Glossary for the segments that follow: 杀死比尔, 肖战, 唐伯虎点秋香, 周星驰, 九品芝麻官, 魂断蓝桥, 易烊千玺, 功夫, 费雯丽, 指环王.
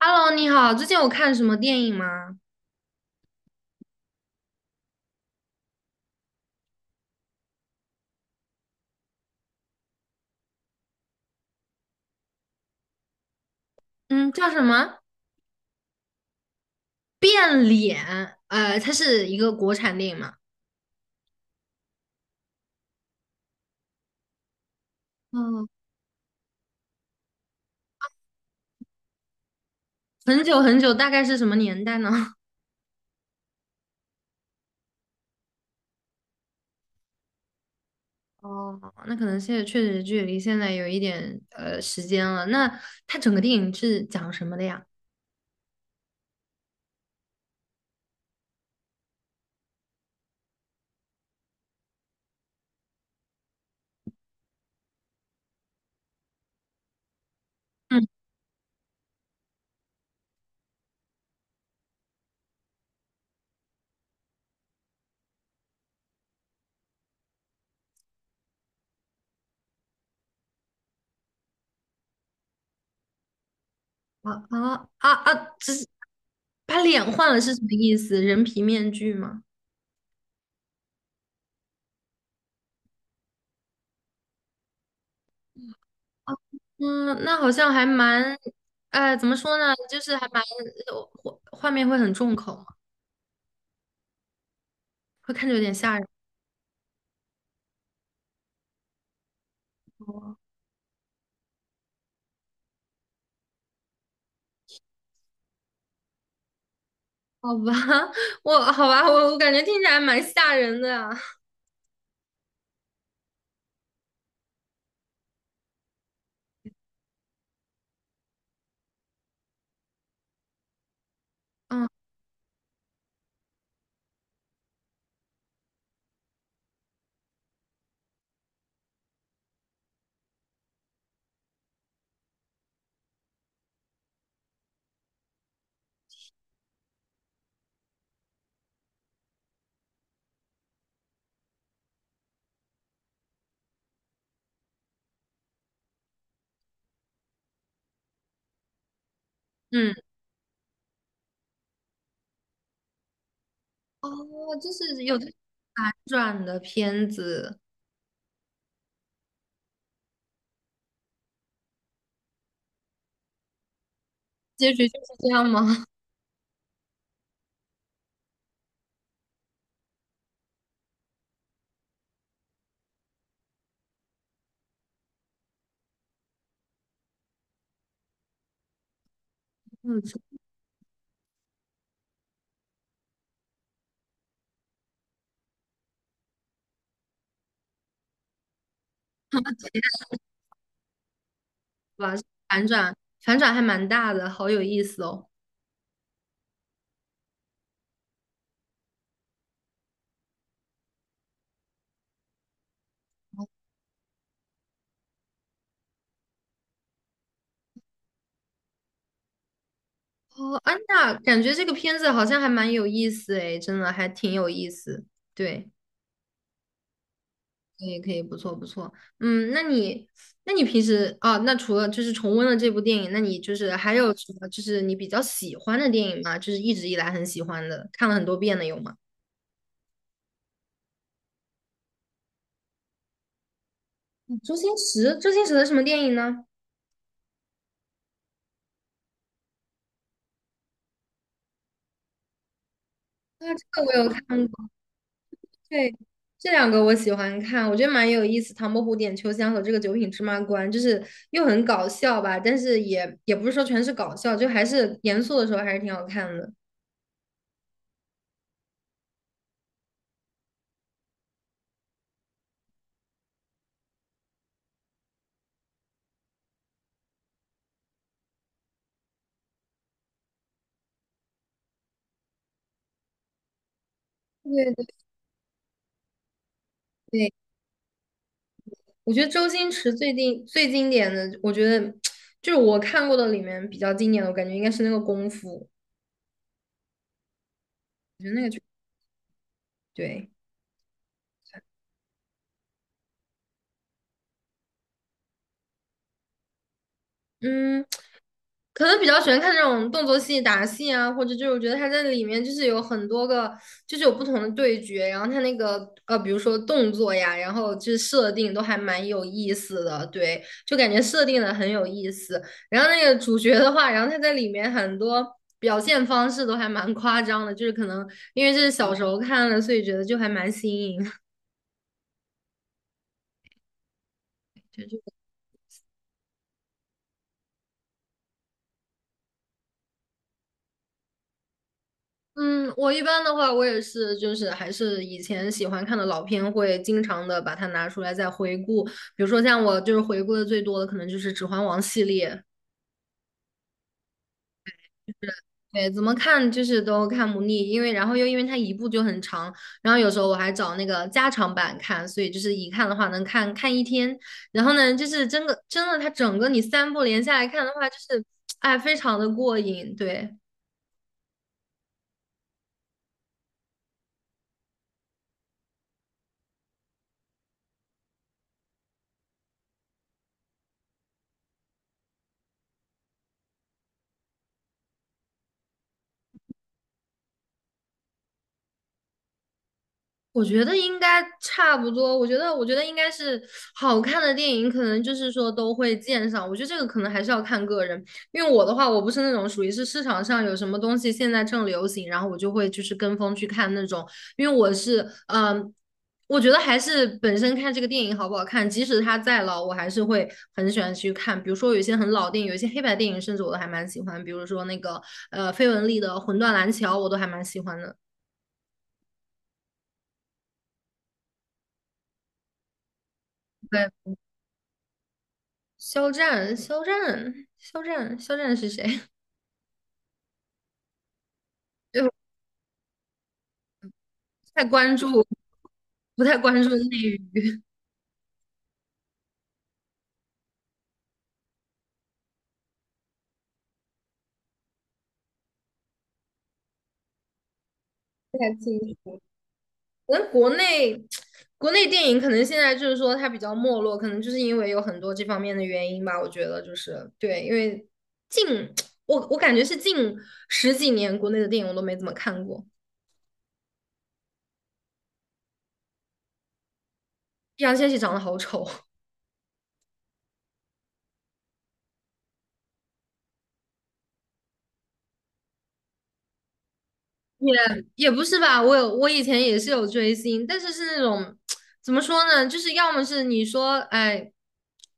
Hello，你好，最近有看什么电影吗？嗯，叫什么？变脸，它是一个国产电影嘛？嗯，很久很久，大概是什么年代呢？哦，那可能现在确实距离现在有一点时间了。那它整个电影是讲什么的呀？嗯，啊啊啊啊！这是把脸换了是什么意思？人皮面具吗？啊嗯，那好像还蛮，呃，怎么说呢？就是还蛮，画面会很重口。会看着有点吓人哦。好吧，我好吧，我感觉听起来蛮吓人的啊。嗯嗯，哦，就是有这种反转的片子，结局就是这样吗？嗯，是吧，反转反转还蛮大的，好有意思哦。哦，安娜，感觉这个片子好像还蛮有意思诶，真的还挺有意思。对。可以可以，不错不错。嗯，那你平时啊，那除了就是重温了这部电影，那你就是还有什么就是你比较喜欢的电影吗？就是一直以来很喜欢的，看了很多遍的有吗？嗯周星驰，周星驰的什么电影呢？啊，这个我有看过，对，这两个我喜欢看，我觉得蛮有意思，《唐伯虎点秋香》和这个《九品芝麻官》，就是又很搞笑吧，但是也不是说全是搞笑，就还是严肃的时候还是挺好看的。对对对，我觉得周星驰最近最经典的，我觉得 就是我看过的里面比较经典的，我感觉应该是那个功夫，我觉得那个就对。嗯，可能比较喜欢看这种动作戏、打戏啊，或者就是我觉得他在里面就是有很多个，就是有不同的对决，然后他那个，比如说动作呀，然后就是设定都还蛮有意思的，对，就感觉设定的很有意思。然后那个主角的话，然后他在里面很多表现方式都还蛮夸张的，就是可能因为这是小时候看的，所以觉得就还蛮新颖。就就嗯，我一般的话，我也是，就是还是以前喜欢看的老片，会经常的把它拿出来再回顾。比如说像我就是回顾的最多的，可能就是《指环王》系列，对，怎么看就是都看不腻，因为然后又因为它一部就很长，然后有时候我还找那个加长版看，所以就是一看的话能看一天。然后呢，就是真的它整个你三部连下来看的话，就是哎非常的过瘾，对。我觉得应该差不多。我觉得应该是好看的电影，可能就是说都会见上。我觉得这个可能还是要看个人，因为我的话，我不是那种属于是市场上有什么东西现在正流行，然后我就会就是跟风去看那种。因为我是，嗯，我觉得还是本身看这个电影好不好看，即使它再老，我还是会很喜欢去看。比如说有一些很老电影，有一些黑白电影，甚至我都还蛮喜欢。比如说那个费雯丽的《魂断蓝桥》，我都还蛮喜欢的。对。肖战是谁？对，太关注，不太关注内娱，不太清楚。可能国内，国内电影可能现在就是说它比较没落，可能就是因为有很多这方面的原因吧。我觉得就是对，因为近 我感觉是近十几年国内的电影我都没怎么看过。易烊千玺长得好丑，也也不是吧，我以前也是有追星，但是是那种 怎么说呢，就是要么是你说，哎，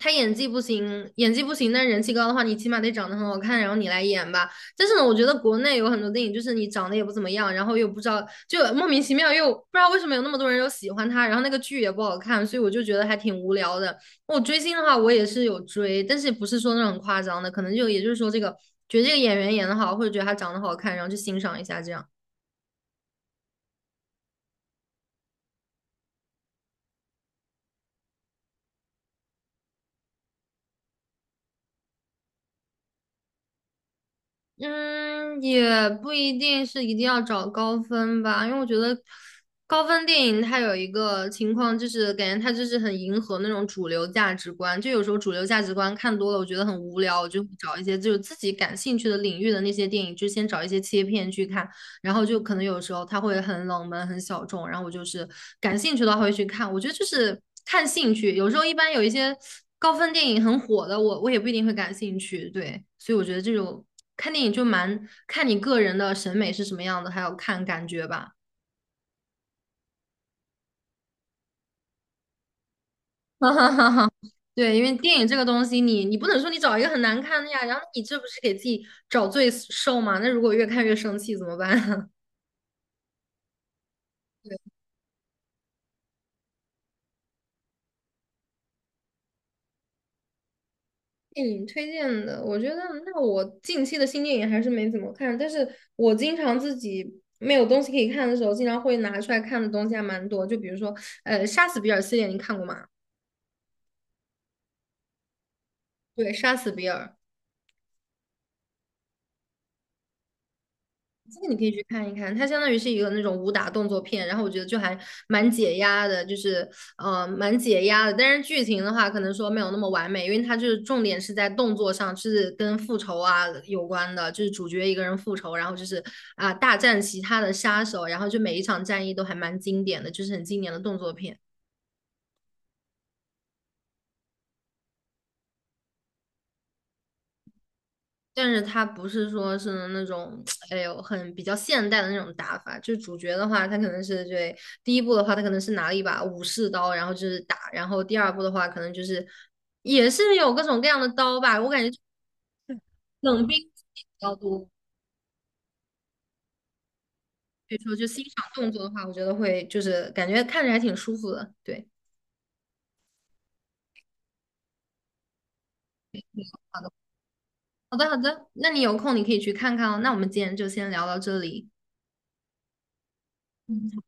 他演技不行，演技不行，但是人气高的话，你起码得长得很好看，然后你来演吧。但是呢，我觉得国内有很多电影，就是你长得也不怎么样，然后又不知道，就莫名其妙又不知道为什么有那么多人又喜欢他，然后那个剧也不好看，所以我就觉得还挺无聊的。我追星的话，我也是有追，但是不是说那种很夸张的，可能就也就是说这个觉得这个演员演的好，或者觉得他长得好看，然后去欣赏一下这样。嗯，也不一定是一定要找高分吧，因为我觉得高分电影它有一个情况，就是感觉它就是很迎合那种主流价值观。就有时候主流价值观看多了，我觉得很无聊，我就会找一些就是自己感兴趣的领域的那些电影，就先找一些切片去看。然后就可能有时候它会很冷门、很小众，然后我就是感兴趣的话会去看。我觉得就是看兴趣，有时候一般有一些高分电影很火的，我也不一定会感兴趣。对，所以我觉得这种看电影就蛮看你个人的审美是什么样的，还有看感觉吧。哈哈哈哈。对，因为电影这个东西你，你不能说你找一个很难看的呀，然后你这不是给自己找罪受吗？那如果越看越生气怎么办？电影推荐的，我觉得那我近期的新电影还是没怎么看，但是我经常自己没有东西可以看的时候，经常会拿出来看的东西还蛮多。就比如说，呃，《杀死比尔》系列，你看过吗？对，《杀死比尔》这个你可以去看一看，它相当于是一个那种武打动作片，然后我觉得就还蛮解压的，就是蛮解压的。但是剧情的话，可能说没有那么完美，因为它就是重点是在动作上，是跟复仇啊有关的，就是主角一个人复仇，然后就是啊、大战其他的杀手，然后就每一场战役都还蛮经典的，就是很经典的动作片。但是它不是说是那种，哎呦，很比较现代的那种打法。就主角的话，他可能是对第一部的话，他可能是拿了一把武士刀，然后就是打；然后第二部的话，可能就是也是有各种各样的刀吧。我感觉冷兵器比较多，所以说就欣赏动作的话，我觉得会就是感觉看着还挺舒服的。对，好的好的，那你有空你可以去看看哦。那我们今天就先聊到这里，嗯